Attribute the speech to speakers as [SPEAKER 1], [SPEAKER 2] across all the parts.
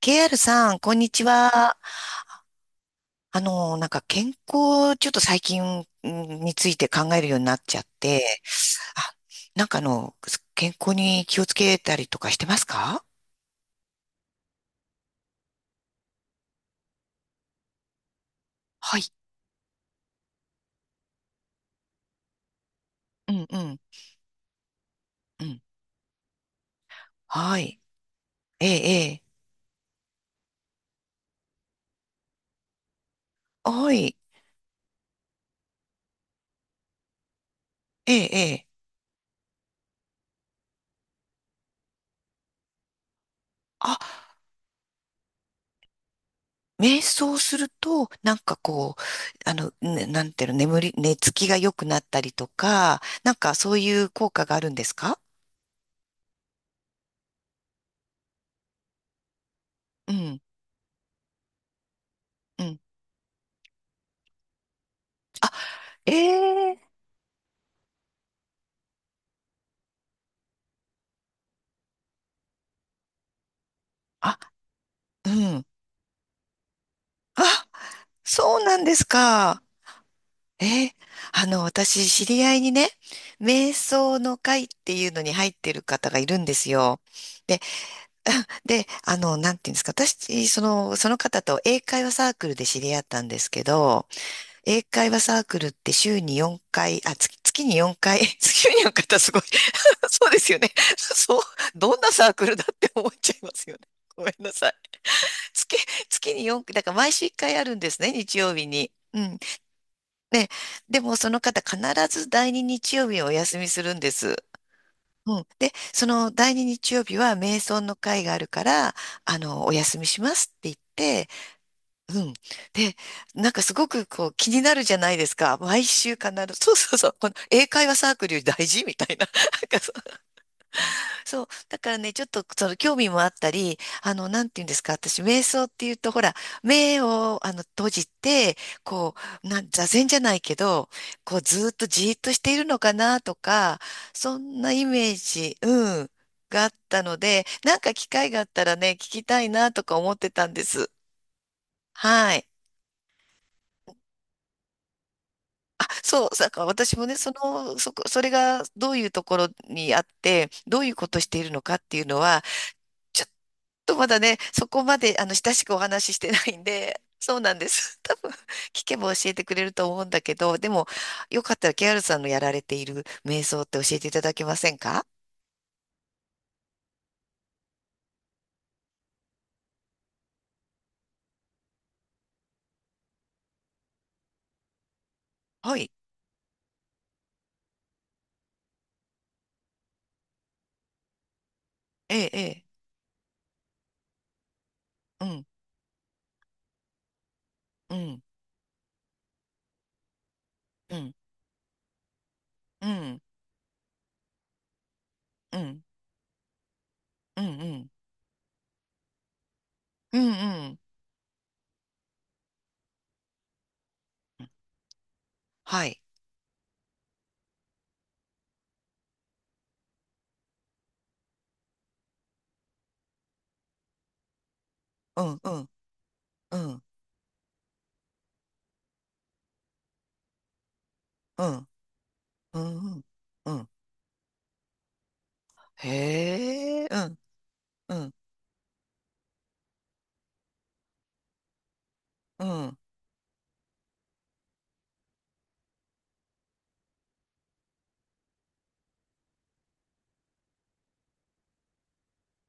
[SPEAKER 1] KR さん、こんにちは。なんか健康、ちょっと最近について考えるようになっちゃって、あ、なんかあの、健康に気をつけたりとかしてますか？はい。うん、うん、うん。はい。ええ、ええ。はい。ええ、ええ。あ、瞑想すると、なんかこう、ねなんていうの、寝つきが良くなったりとか、なんかそういう効果があるんですか？うん、うん。ええ。あ、うん。あ、そうなんですか。えー、私、知り合いにね、瞑想の会っていうのに入ってる方がいるんですよ。で、で、なんていうんですか、私、その、その方と英会話サークルで知り合ったんですけど、英会話サークルって週に4回、月に4回、週に4回ってすごい、 そうですよね。そう、どんなサークルだって思っちゃいますよね。ごめんなさい。月、月に4回、だから毎週1回あるんですね、日曜日に。うん。ね、でもその方必ず第二日曜日をお休みするんです。うん。で、その第二日曜日は瞑想の会があるから、お休みしますって言って、うん。で、なんかすごくこう気になるじゃないですか。毎週必ず、そうそうそう、この英会話サークルより大事みたいな。なんかそう。だからね、ちょっとその興味もあったり、なんて言うんですか、私、瞑想っていうと、ほら、目を閉じて、こ座禅じゃないけど、こう、ずーっとじーっとしているのかなとか、そんなイメージ、うん、があったので、なんか機会があったらね、聞きたいなとか思ってたんです。はい。あ、そう、だから私もね、それがどういうところにあって、どういうことしているのかっていうのは、ちとまだね、そこまで親しくお話ししてないんで、そうなんです。多分、聞けば教えてくれると思うんだけど、でも、よかったら KR さんのやられている瞑想って教えていただけませんか？はい。ええ、ええ。うん、うん、うん、うん、うん、うん、うん、うん、うん。はい。うん、うん、うん、うん、うん、うん。うん、へえ、うん、うん、うん。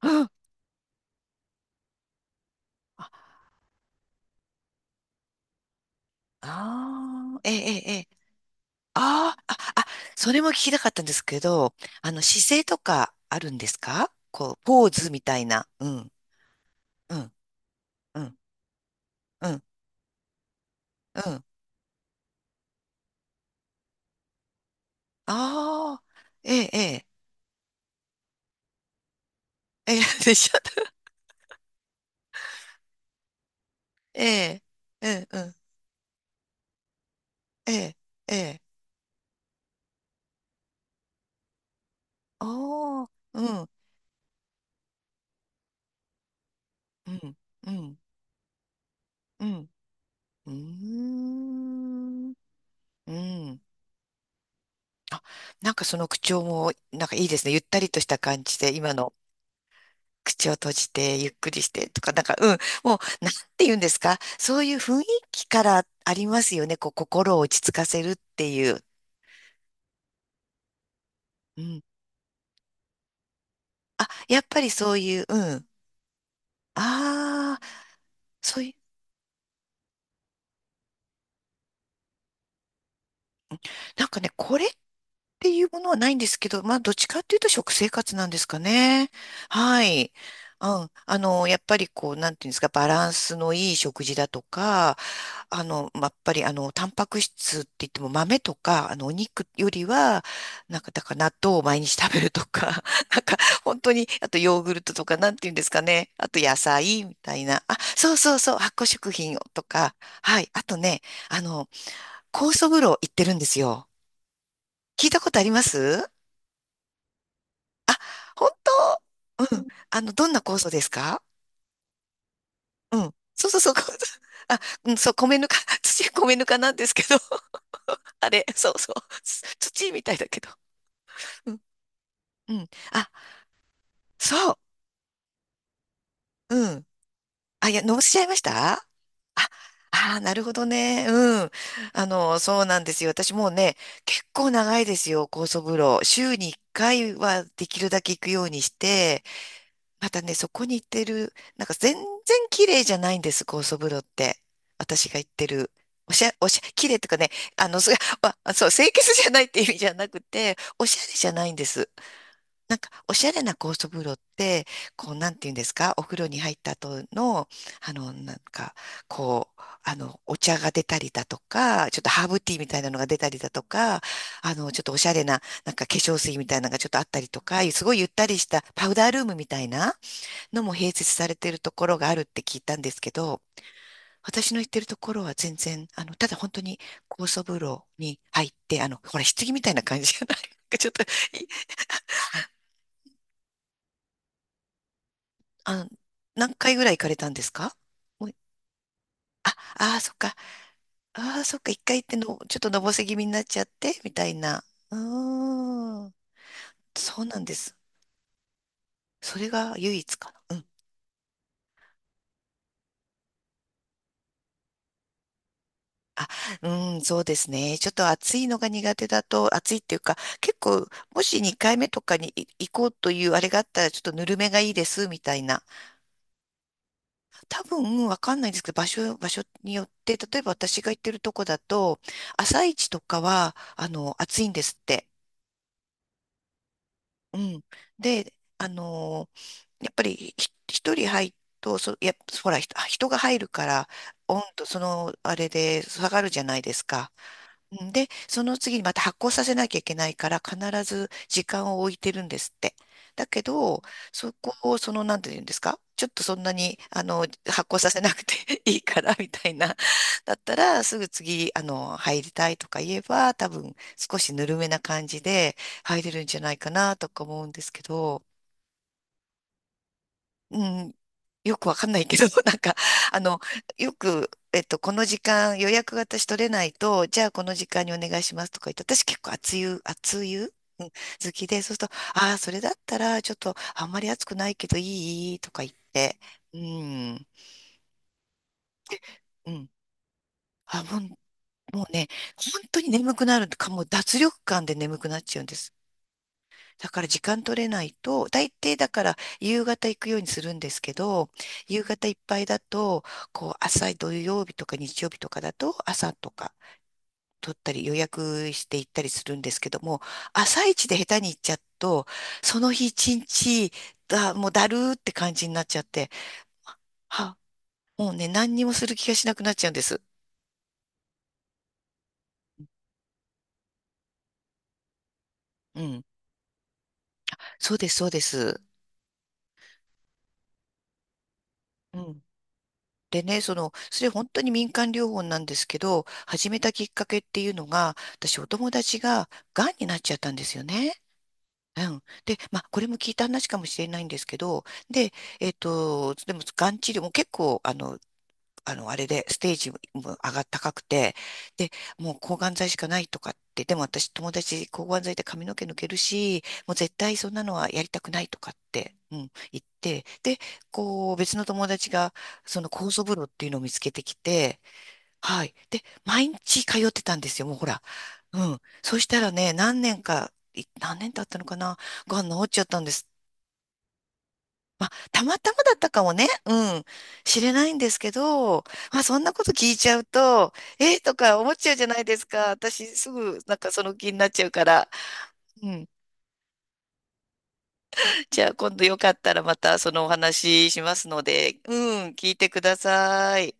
[SPEAKER 1] うん、ああ、ー、ええ、ええ、ああ、あ、あ、それも聞きたかったんですけど、姿勢とかあるんですか？こう、ポーズみたいな。うん、うん、うん、うん、うん。ああ、ええ、ええ、ええ、でしょ？ええ、ええ、うん、ええ、ええ、ああ、うん、うん、うん、うん、うーん、うん。あ、なんかその口調も、なんかいいですね。ゆったりとした感じで、今の。口を閉じてゆっくりしてとか、なんか、うん、もう、なんて言うんですか、そういう雰囲気からありますよね、こう、心を落ち着かせるっていう。うん、やっぱりそういう、うん、ああ、そういう、なんかね、これっていうものはないんですけど、まあ、どっちかっていうと食生活なんですかね。はい。うん。やっぱりこう、なんていうんですか、バランスのいい食事だとか、やっぱり、タンパク質って言っても豆とか、お肉よりは、なんか、だから納豆を毎日食べるとか、なんか、本当に、あとヨーグルトとか、なんていうんですかね。あと野菜みたいな。あ、そうそうそう、発酵食品をとか、はい。あとね、あの、酵素風呂行ってるんですよ。聞いたことあります？本当？うん。あの、どんな酵素ですか？うん。そうそうそう。酵素、あ、米ぬか、米ぬかなんですけど。あれ、そうそう。土みたいだけど。うん。うん。あ、そう。うん。あ、いや、のぼせちゃいましたあ、あー、なるほどね。うん。そうなんですよ。私もうね、結構長いですよ、酵素風呂。週に1回はできるだけ行くようにして、またね、そこに行ってる、なんか全然綺麗じゃないんです、高層風呂って。私が行ってる。おしゃ、おしゃ、綺麗とかね、あの、それ、あ、そう、清潔じゃないって意味じゃなくて、おしゃれじゃないんです。なんか、おしゃれな高層風呂って、こう、なんていうんですか、お風呂に入った後の、あの、なんか、お茶が出たりだとか、ちょっとハーブティーみたいなのが出たりだとか、ちょっとおしゃれな、なんか化粧水みたいなのがちょっとあったりとか、すごいゆったりしたパウダールームみたいなのも併設されているところがあるって聞いたんですけど、私の行ってるところは全然、ただ本当に高層風呂に入って、ほら、棺みたいな感じじゃない？ ちょっとい、あの、何回ぐらい行かれたんですか？もう、ああ、そっか。ああ、そっか。一回行っての、ちょっとのぼせ気味になっちゃって、みたいな。うーん。そうなんです。それが唯一かな。あ、うん、そうですね。ちょっと暑いのが苦手だと、暑いっていうか、結構、もし2回目とかに行こうというあれがあったら、ちょっとぬるめがいいです、みたいな。多分、わかんないんですけど、場所によって、例えば私が行ってるとこだと、朝一とかは、暑いんですって。うん。で、あの、やっぱり、一人入ると、やっぱ、ほら、人が入るから、温度、その、あれで下がるじゃないですか。うんで、その次にまた発酵させなきゃいけないから、必ず時間を置いてるんですって。だけど、そこを、その、なんて言うんですか、ちょっとそんなに、発酵させなくて いいから、みたいな。だったら、すぐ次、あの、入りたいとか言えば、多分、少しぬるめな感じで入れるんじゃないかな、とか思うんですけど。うん、よくわかんないけど、なんか、あの、よく、えっと、この時間予約が私取れないと、じゃあこの時間にお願いしますとか言って、私結構熱湯、うん、好きで、そうすると、ああ、それだったら、ちょっと、あんまり熱くないけどいいとか言って、うん、うん。あ、もう、もうね、本当に眠くなるとか、もう脱力感で眠くなっちゃうんです。だから時間取れないと、大抵だから夕方行くようにするんですけど、夕方いっぱいだと、こう朝土曜日とか日曜日とかだと朝とか取ったり予約して行ったりするんですけども、朝一で下手に行っちゃうと、その日一日もうだるーって感じになっちゃって、は、もうね、何にもする気がしなくなっちゃうんです。うん。そうです、そうです。うん。でね、それ本当に民間療法なんですけど、始めたきっかけっていうのが、私お友達が癌になっちゃったんですよね。うん。で、まあ、これも聞いた話かもしれないんですけど、で、えっと、でも、がん治療も結構、あれで、ステージも高くて、で、もう抗がん剤しかないとかって、でも私友達抗がん剤で髪の毛抜けるし、もう絶対そんなのはやりたくないとかって、うん、言って、で、こう、別の友達が、その酵素風呂っていうのを見つけてきて、はい。で、毎日通ってたんですよ、もうほら。うん。そしたらね、何年経ったのかな、がん治っちゃったんです。まあ、たまたまだったかもね。うん。知れないんですけど、まあ、そんなこと聞いちゃうと、えーとか思っちゃうじゃないですか。私、すぐ、なんかその気になっちゃうから。うん。じゃあ、今度よかったらまたそのお話ししますので、うん、聞いてください。